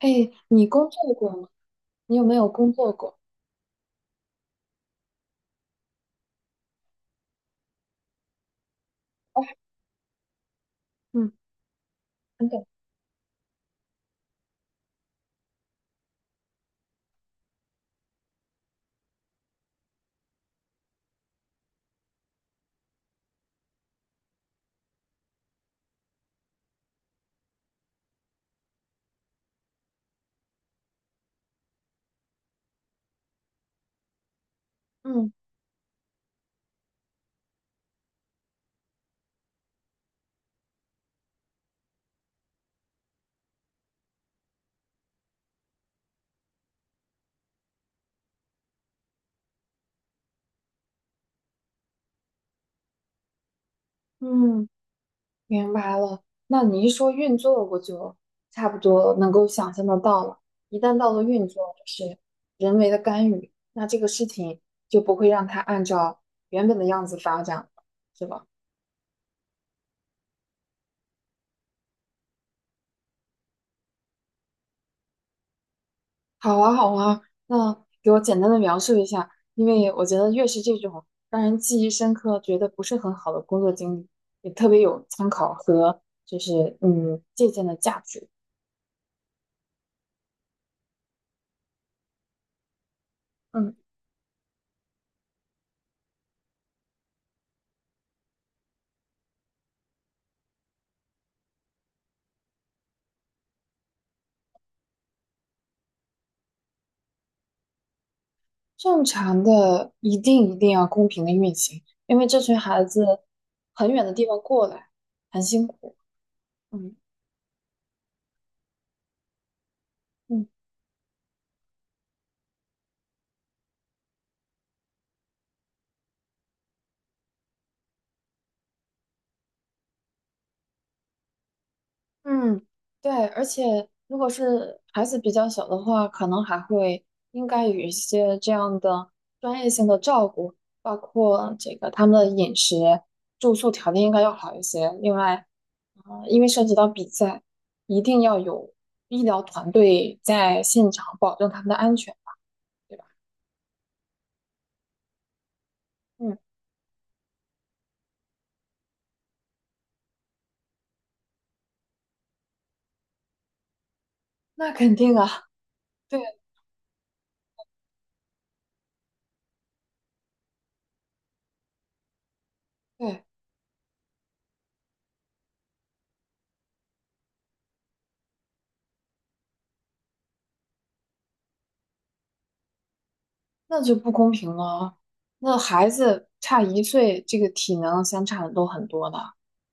嘿，你工作过吗？你有没有工作过？哦，嗯等等，嗯嗯，明白了。那你一说运作，我就差不多能够想象得到了。一旦到了运作，就是人为的干预，那这个事情就不会让它按照原本的样子发展了，是吧？好啊，好啊，那给我简单的描述一下，因为我觉得越是这种让人记忆深刻、觉得不是很好的工作经历，也特别有参考和就是借鉴的价值。嗯，正常的一定一定要公平的运行，因为这群孩子很远的地方过来，很辛苦。嗯嗯。嗯，对，而且如果是孩子比较小的话，可能还会应该有一些这样的专业性的照顾，包括这个他们的饮食、住宿条件应该要好一些。另外，啊、因为涉及到比赛，一定要有医疗团队在现场保证他们的安全吧，对吧？嗯，那肯定啊，对对。那就不公平了。那孩子差一岁，这个体能相差的都很多的。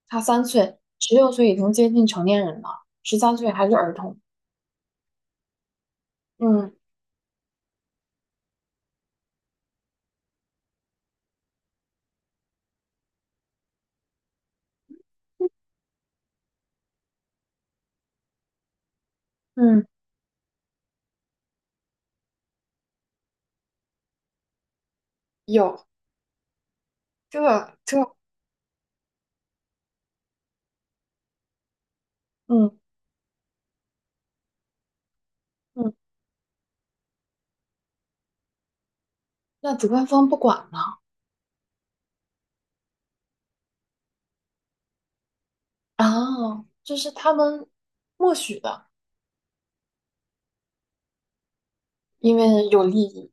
差三岁，16岁已经接近成年人了，13岁还是儿童。嗯嗯，有这这，嗯嗯，那主办方不管呢？啊，这是他们默许的，因为有利益。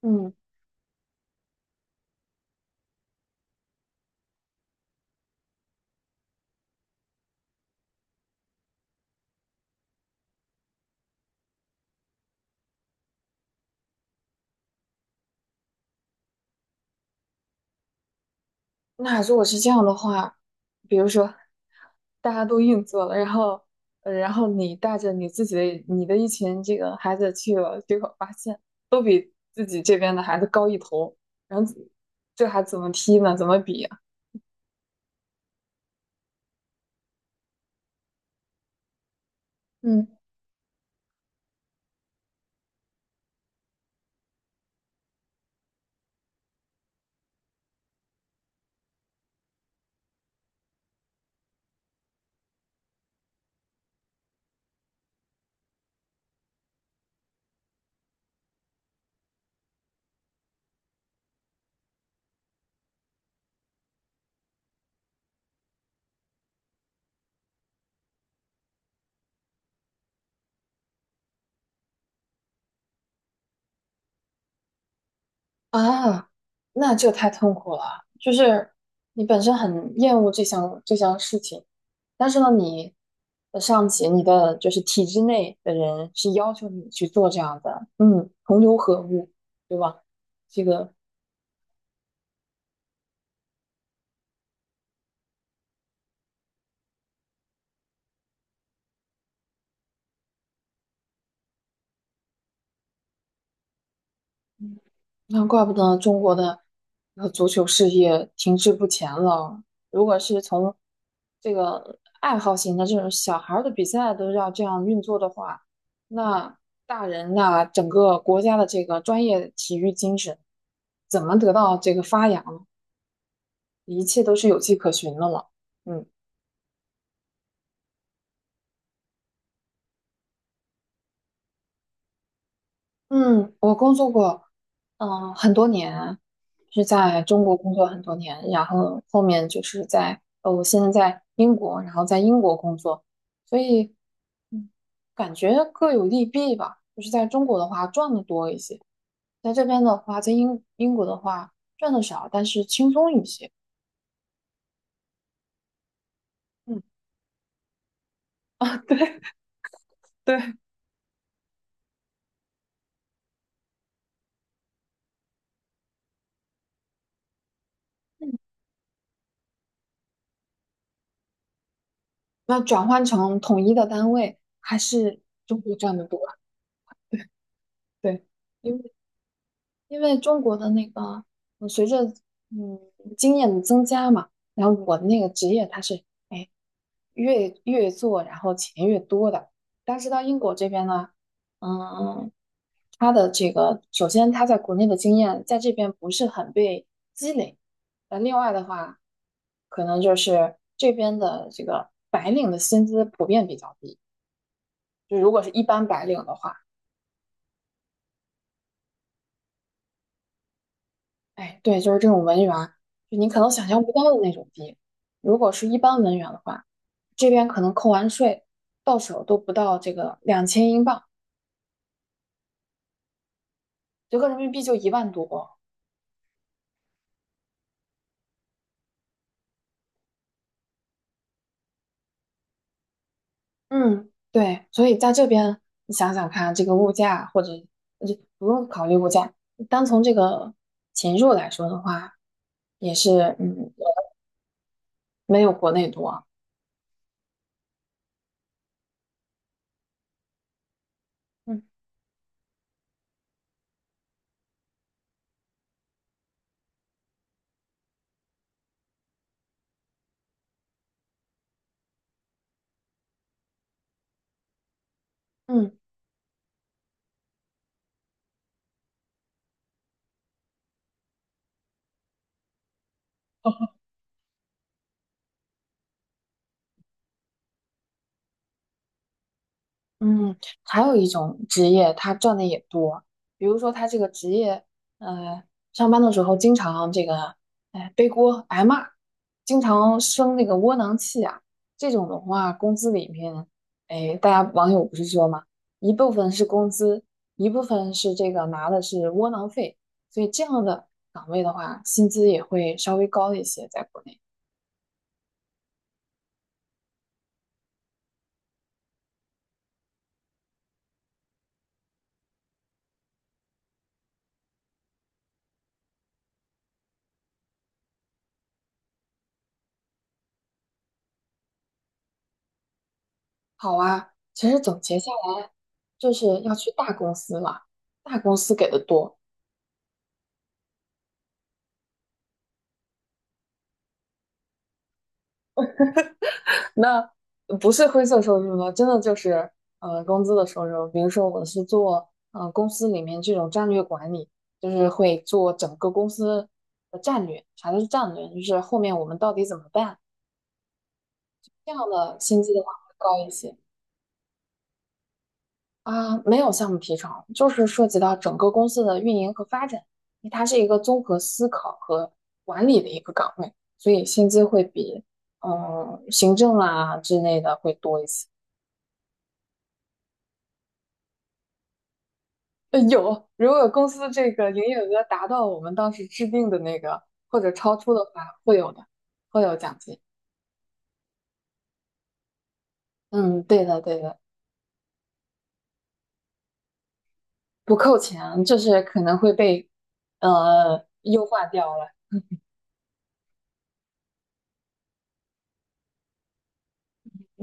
嗯。那如果是这样的话，比如说大家都硬座了，然后，然后你带着你自己的你的一群这个孩子去了，结果发现都比自己这边的孩子高一头，然后这还怎么踢呢？怎么比呀？嗯。啊，那就太痛苦了。就是你本身很厌恶这项事情，但是呢，你的上级、你的就是体制内的人是要求你去做这样的，嗯，同流合污，对吧？这个那怪不得中国的足球事业停滞不前了。如果是从这个爱好型的这种小孩儿的比赛都要这样运作的话，那大人那整个国家的这个专业体育精神怎么得到这个发扬呢一切都是有迹可循的了。嗯嗯，我工作过，嗯，很多年是在中国工作很多年，然后后面就是在，我现在在英国，然后在英国工作，所以嗯，感觉各有利弊吧。就是在中国的话赚的多一些，在这边的话，在英国的话赚的少，但是轻松一些。嗯啊，对对，那转换成统一的单位，还是中国赚的多。对，因为。因为中国的那个，嗯，随着嗯经验的增加嘛，然后我的那个职业它是哎越做，然后钱越多的。但是到英国这边呢，嗯，他的这个首先他在国内的经验在这边不是很被积累，那另外的话，可能就是这边的这个白领的薪资普遍比较低，就如果是一般白领的话。哎，对，就是这种文员，就你可能想象不到的那种低。如果是一般文员的话，这边可能扣完税到手都不到这个2000英镑，折合人民币就1万多。嗯，对，所以在这边你想想看，这个物价或者就不用考虑物价，单从这个钱肉来说的话，也是嗯没有国内多。嗯嗯。嗯，还有一种职业，他赚的也多。比如说，他这个职业，呃，上班的时候经常这个，哎，背锅挨骂，经常生那个窝囊气啊。这种的话，工资里面，哎，大家网友不是说嘛，一部分是工资，一部分是这个拿的是窝囊费，所以这样的岗位的话，薪资也会稍微高一些，在国内。好啊，其实总结下来，就是要去大公司了，大公司给的多。那不是灰色收入呢，真的就是工资的收入。比如说我是做公司里面这种战略管理，就是会做整个公司的战略。啥叫战略？就是后面我们到底怎么办？这样的薪资的话会高一些。啊，没有项目提成，就是涉及到整个公司的运营和发展，因为它是一个综合思考和管理的一个岗位，所以薪资会比嗯行政啊之类的会多一些。有，如果公司这个营业额达到我们当时制定的那个或者超出的话，会有的，会有奖金。嗯，对的，对的，不扣钱，就是可能会被优化掉了，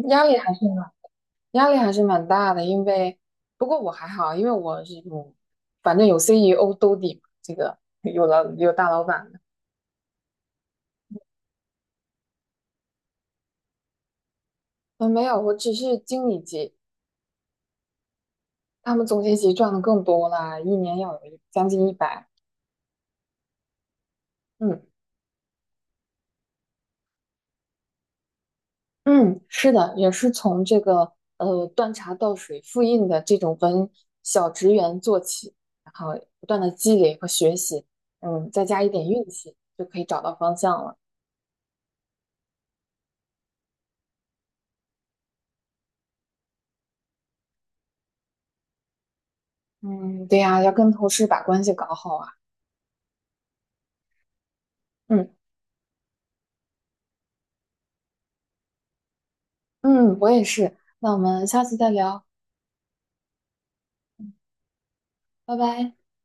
压力还是。压力还是蛮大的，因为不过我还好，因为我是有，反正有 CEO 兜底嘛，这个有老有大老板的。嗯，没有，我只是经理级，他们总监级赚的更多啦，一年要有将近一百。嗯嗯，是的，也是从这个端茶倒水、复印的这种小职员做起，然后不断的积累和学习，嗯，再加一点运气，就可以找到方向了。嗯，对呀，要跟同事把关系搞好啊。嗯。嗯，我也是。那我们下次再聊，拜拜。